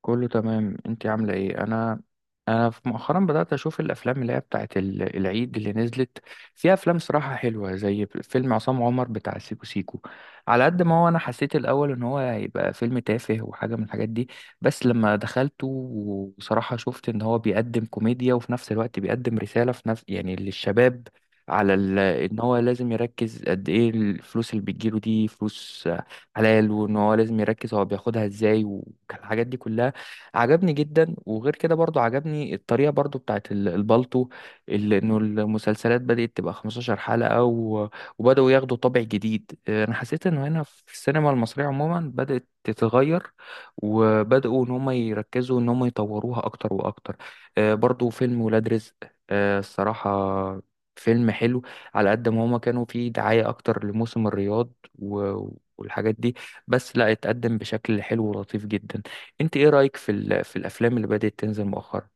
كله تمام، انت عامله ايه؟ انا انا في مؤخرا بدات اشوف الافلام اللي هي بتاعت العيد اللي نزلت. فيها افلام صراحه حلوه زي فيلم عصام عمر بتاع سيكو سيكو. على قد ما هو، انا حسيت الاول ان هو هيبقى فيلم تافه وحاجه من الحاجات دي. بس لما دخلته وصراحه شفت ان هو بيقدم كوميديا وفي نفس الوقت بيقدم رساله في نفس، يعني، للشباب. على ان هو لازم يركز قد ايه الفلوس اللي بتجيله، دي فلوس حلال، وان هو لازم يركز هو بياخدها ازاي والحاجات دي كلها. عجبني جدا. وغير كده برضو عجبني الطريقة برضو بتاعت البالتو. اللي انه المسلسلات بدأت تبقى 15 حلقة وبدأوا ياخدوا طابع جديد. انا حسيت انه هنا في السينما المصرية عموما بدأت تتغير، وبدأوا ان هم يركزوا ان هم يطوروها اكتر واكتر. برضو فيلم ولاد رزق، الصراحة فيلم حلو. على قد ما هما كانوا فيه دعاية أكتر لموسم الرياض و... والحاجات دي، بس لا، اتقدم بشكل حلو ولطيف جدا. انت ايه رأيك في في الافلام اللي بدأت تنزل مؤخرا؟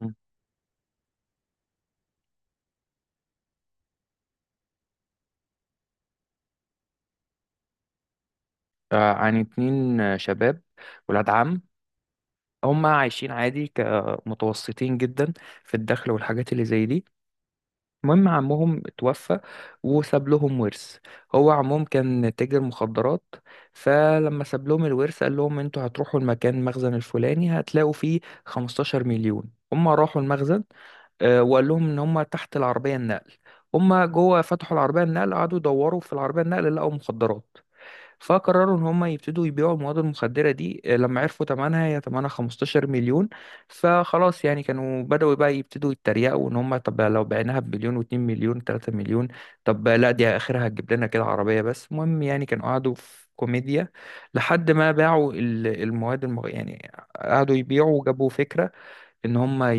مم. عن اتنين، شباب، ولاد عم. هما عايشين عادي كمتوسطين جدا في الدخل والحاجات اللي زي دي. المهم عمهم توفى وساب لهم ورث. هو عمهم كان تاجر مخدرات. فلما ساب لهم الورث قال لهم انتوا هتروحوا المكان المخزن الفلاني، هتلاقوا فيه 15 مليون. هما راحوا المخزن. وقال لهم ان هم تحت العربيه النقل. هم جوه فتحوا العربيه النقل، قعدوا يدوروا في العربيه النقل لقوا مخدرات. فقرروا ان هم يبتدوا يبيعوا المواد المخدره دي. لما عرفوا ثمنها، هي ثمنها 15 مليون. فخلاص يعني كانوا بدأوا بقى يبتدوا يتريقوا ان هم طب لو بعناها بمليون و2 مليون 3 مليون. طب لا، دي اخرها هتجيب لنا كده عربيه. بس المهم يعني كانوا قعدوا في كوميديا لحد ما باعوا المواد يعني قعدوا يبيعوا وجابوا فكره ان هم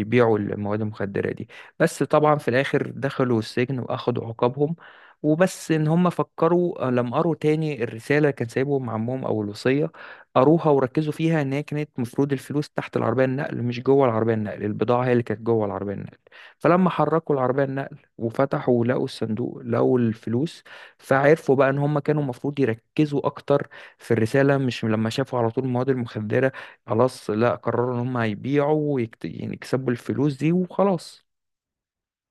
يبيعوا المواد المخدرة دي. بس طبعا في الاخر دخلوا السجن واخدوا عقابهم، وبس ان هم فكروا لما قروا تاني الرسالة اللي كان سايبهم عمهم او الوصية. قروها وركزوا فيها ان هي كانت مفروض الفلوس تحت العربية النقل، مش جوه العربية النقل، البضاعة هي اللي كانت جوه العربية النقل. فلما حركوا العربية النقل وفتحوا ولقوا الصندوق لقوا الفلوس. فعرفوا بقى ان هم كانوا المفروض يركزوا اكتر في الرسالة، مش لما شافوا على طول المواد المخدرة. خلاص لا، قرروا ان هم هيبيعوا يعني يكسبوا الفلوس دي وخلاص.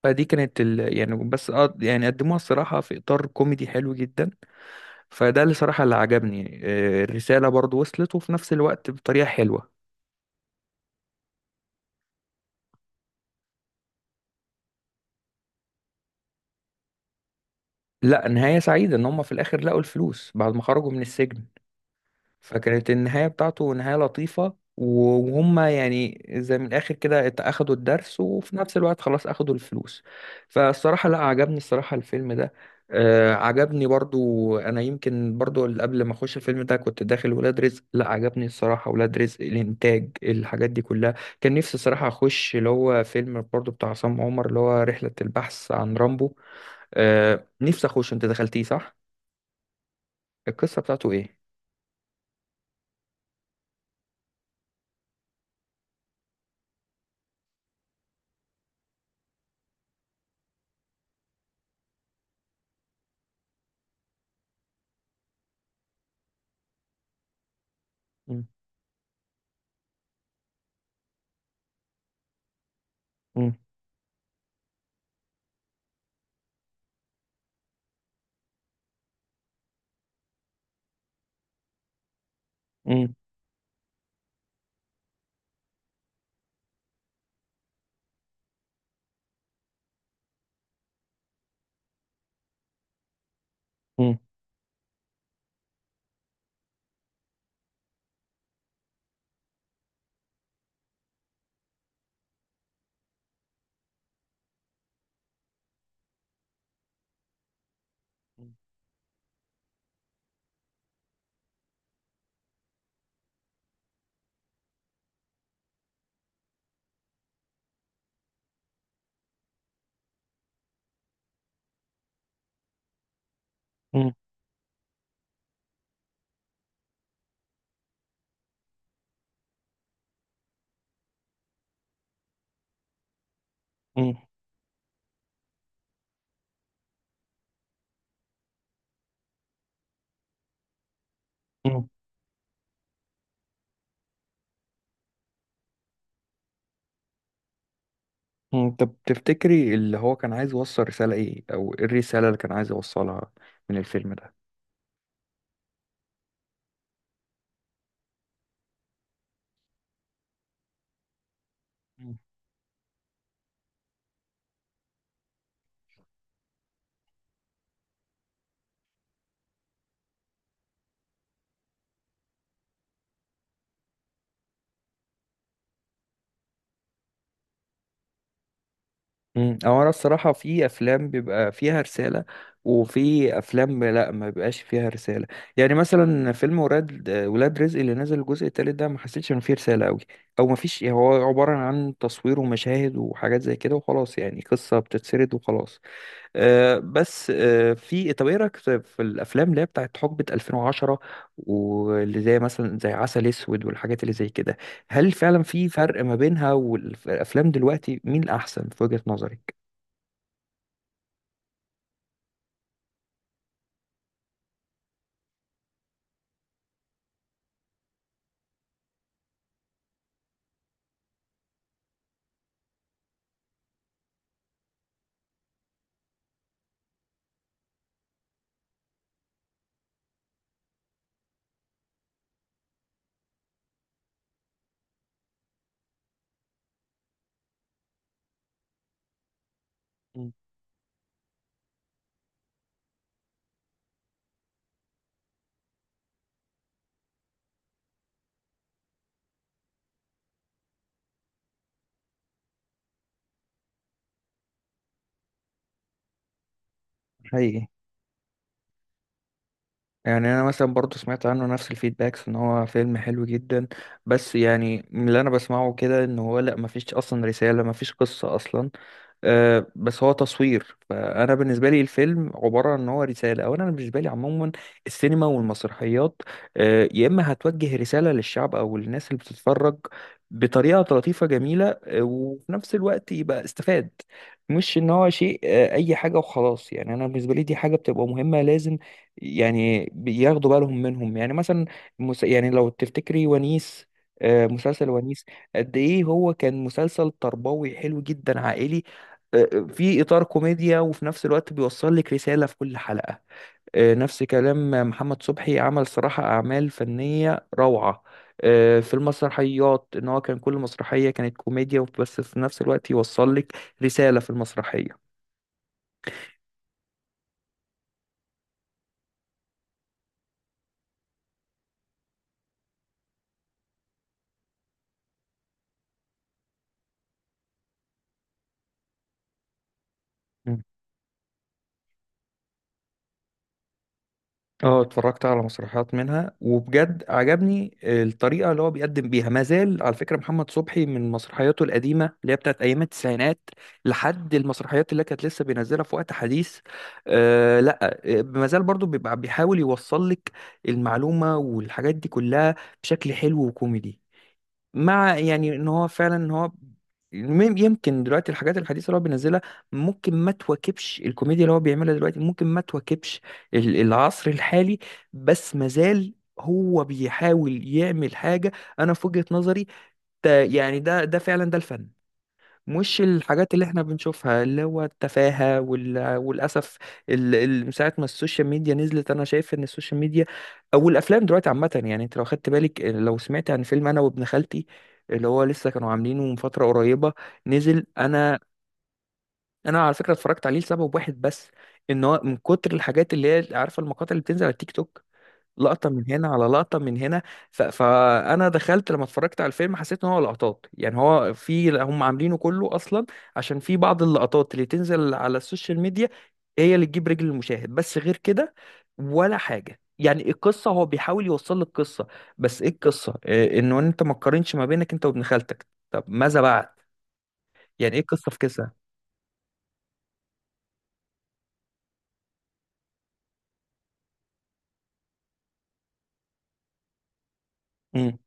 فدي كانت يعني بس يعني قدموها الصراحة في إطار كوميدي حلو جدا. فده اللي صراحة اللي عجبني. الرسالة برضو وصلت، وفي نفس الوقت بطريقة حلوة. لا، نهاية سعيدة، ان هم في الآخر لقوا الفلوس بعد ما خرجوا من السجن. فكانت النهاية بتاعته نهاية لطيفة، وهم يعني زي من الآخر كده أخدوا الدرس، وفي نفس الوقت خلاص أخدوا الفلوس. فالصراحة لا عجبني الصراحة الفيلم ده. عجبني برضو. أنا يمكن برضو قبل ما أخش الفيلم ده كنت داخل ولاد رزق، لا عجبني الصراحة ولاد رزق، الإنتاج الحاجات دي كلها. كان نفسي الصراحة أخش اللي هو فيلم برضو بتاع عصام عمر اللي هو رحلة البحث عن رامبو. آه، نفسي أخش. أنت دخلتيه صح؟ القصة بتاعته إيه؟ مم. مم. مم. مم. مم. مم. مم. مم. طب تفتكري اللي هو كان عايز يوصل رسالة ايه، او ايه الرسالة اللي كان عايز يوصلها من الفيلم ده؟ مم. مم. او انا الصراحة، في افلام بيبقى فيها رسالة، وفي افلام لا، ما بيبقاش فيها رسالة. يعني مثلا فيلم ولاد رزق اللي نزل الجزء التالت ده، ما حسيتش ان فيه رسالة قوي، او ما فيش، هو عبارة عن تصوير ومشاهد وحاجات زي كده وخلاص، يعني قصة بتتسرد وخلاص. آه، بس آه، في طب ايه رايك في الافلام اللي هي بتاعت حقبه 2010، واللي زي مثلا زي عسل اسود والحاجات اللي زي كده؟ هل فعلا في فرق ما بينها والافلام دلوقتي؟ مين الاحسن في وجهه نظرك؟ مم. حقيقي. يعني انا مثلا برضو سمعت عنه نفس الفيدباكس ان هو فيلم حلو جدا. بس يعني من اللي انا بسمعه كده ان هو لا، مفيش اصلا رسالة، مفيش قصة اصلا. بس هو تصوير. فانا بالنسبه لي الفيلم عباره عن ان هو رساله. اولا انا بالنسبه لي عموما السينما والمسرحيات، يا اما هتوجه رساله للشعب او للناس اللي بتتفرج بطريقه لطيفه جميله، وفي نفس الوقت يبقى استفاد. مش ان هو شيء اي حاجه وخلاص، يعني انا بالنسبه لي دي حاجه بتبقى مهمه لازم يعني بياخدوا بالهم منهم. يعني مثلا يعني لو تفتكري ونيس، مسلسل ونيس. قد ايه هو كان مسلسل تربوي حلو جدا عائلي، في اطار كوميديا وفي نفس الوقت بيوصل لك رساله في كل حلقه. نفس كلام محمد صبحي، عمل صراحه اعمال فنيه روعه. في المسرحيات ان هو كان كل مسرحيه كانت كوميديا بس في نفس الوقت يوصل لك رساله في المسرحيه. اه، اتفرجت على مسرحيات منها وبجد عجبني الطريقة اللي هو بيقدم بيها. ما زال على فكرة محمد صبحي من مسرحياته القديمة اللي هي بتاعت أيام التسعينات لحد المسرحيات اللي كانت لسه بينزلها في وقت حديث. لا، ما زال برضو بيبقى بيحاول يوصل لك المعلومة والحاجات دي كلها بشكل حلو وكوميدي، مع يعني ان هو فعلا ان هو... يمكن دلوقتي الحاجات الحديثه اللي هو بينزلها ممكن ما تواكبش الكوميديا اللي هو بيعملها دلوقتي، ممكن ما تواكبش العصر الحالي. بس مازال هو بيحاول يعمل حاجه. انا في وجهه نظري ده، يعني ده فعلا ده الفن، مش الحاجات اللي احنا بنشوفها اللي هو التفاهة والأسف. من ساعة ما السوشيال ميديا نزلت، أنا شايف إن السوشيال ميديا أو الأفلام دلوقتي عامة. يعني أنت لو خدت بالك، لو سمعت عن فيلم أنا وابن خالتي اللي هو لسه كانوا عاملينه من فترة قريبة، نزل. أنا على فكرة اتفرجت عليه لسبب واحد بس، إن هو من كتر الحاجات اللي هي عارفة المقاطع اللي بتنزل على التيك توك، لقطة من هنا على لقطة من هنا. فأنا دخلت لما اتفرجت على الفيلم حسيت إن هو لقطات، يعني هو في هم عاملينه كله أصلا، عشان في بعض اللقطات اللي تنزل على السوشيال ميديا هي اللي تجيب رجل المشاهد، بس غير كده ولا حاجة. يعني القصة، هو بيحاول يوصل لك قصة، بس إيه القصة؟ إيه؟ إنه أنت ما تقارنش ما بينك أنت وابن خالتك؟ طب ماذا بعد؟ يعني إيه القصة في كده؟ مم.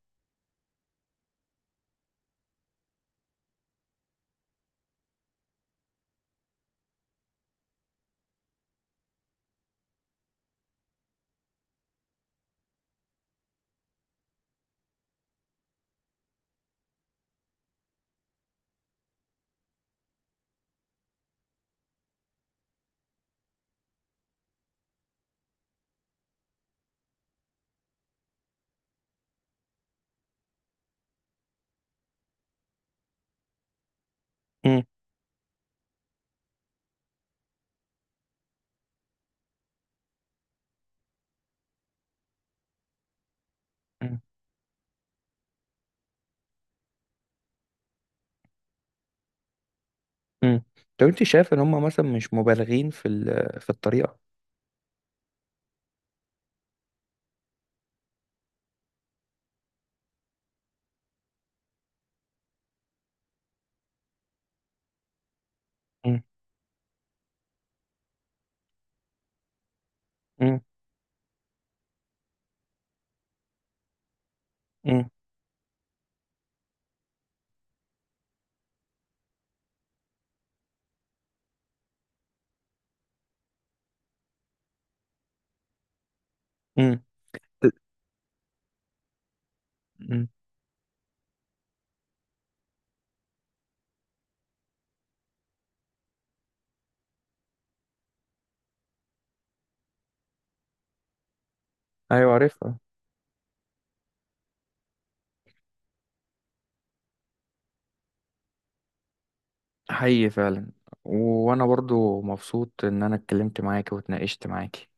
مم. مم. مم. طب أنت شايف إن هم مثلا مش مبالغين في في الطريقة؟ مم. مم. مم. مم. ايوه، عارفها. حقيقي فعلا. وانا برضو مبسوط ان انا اتكلمت معاكي واتناقشت معاكي.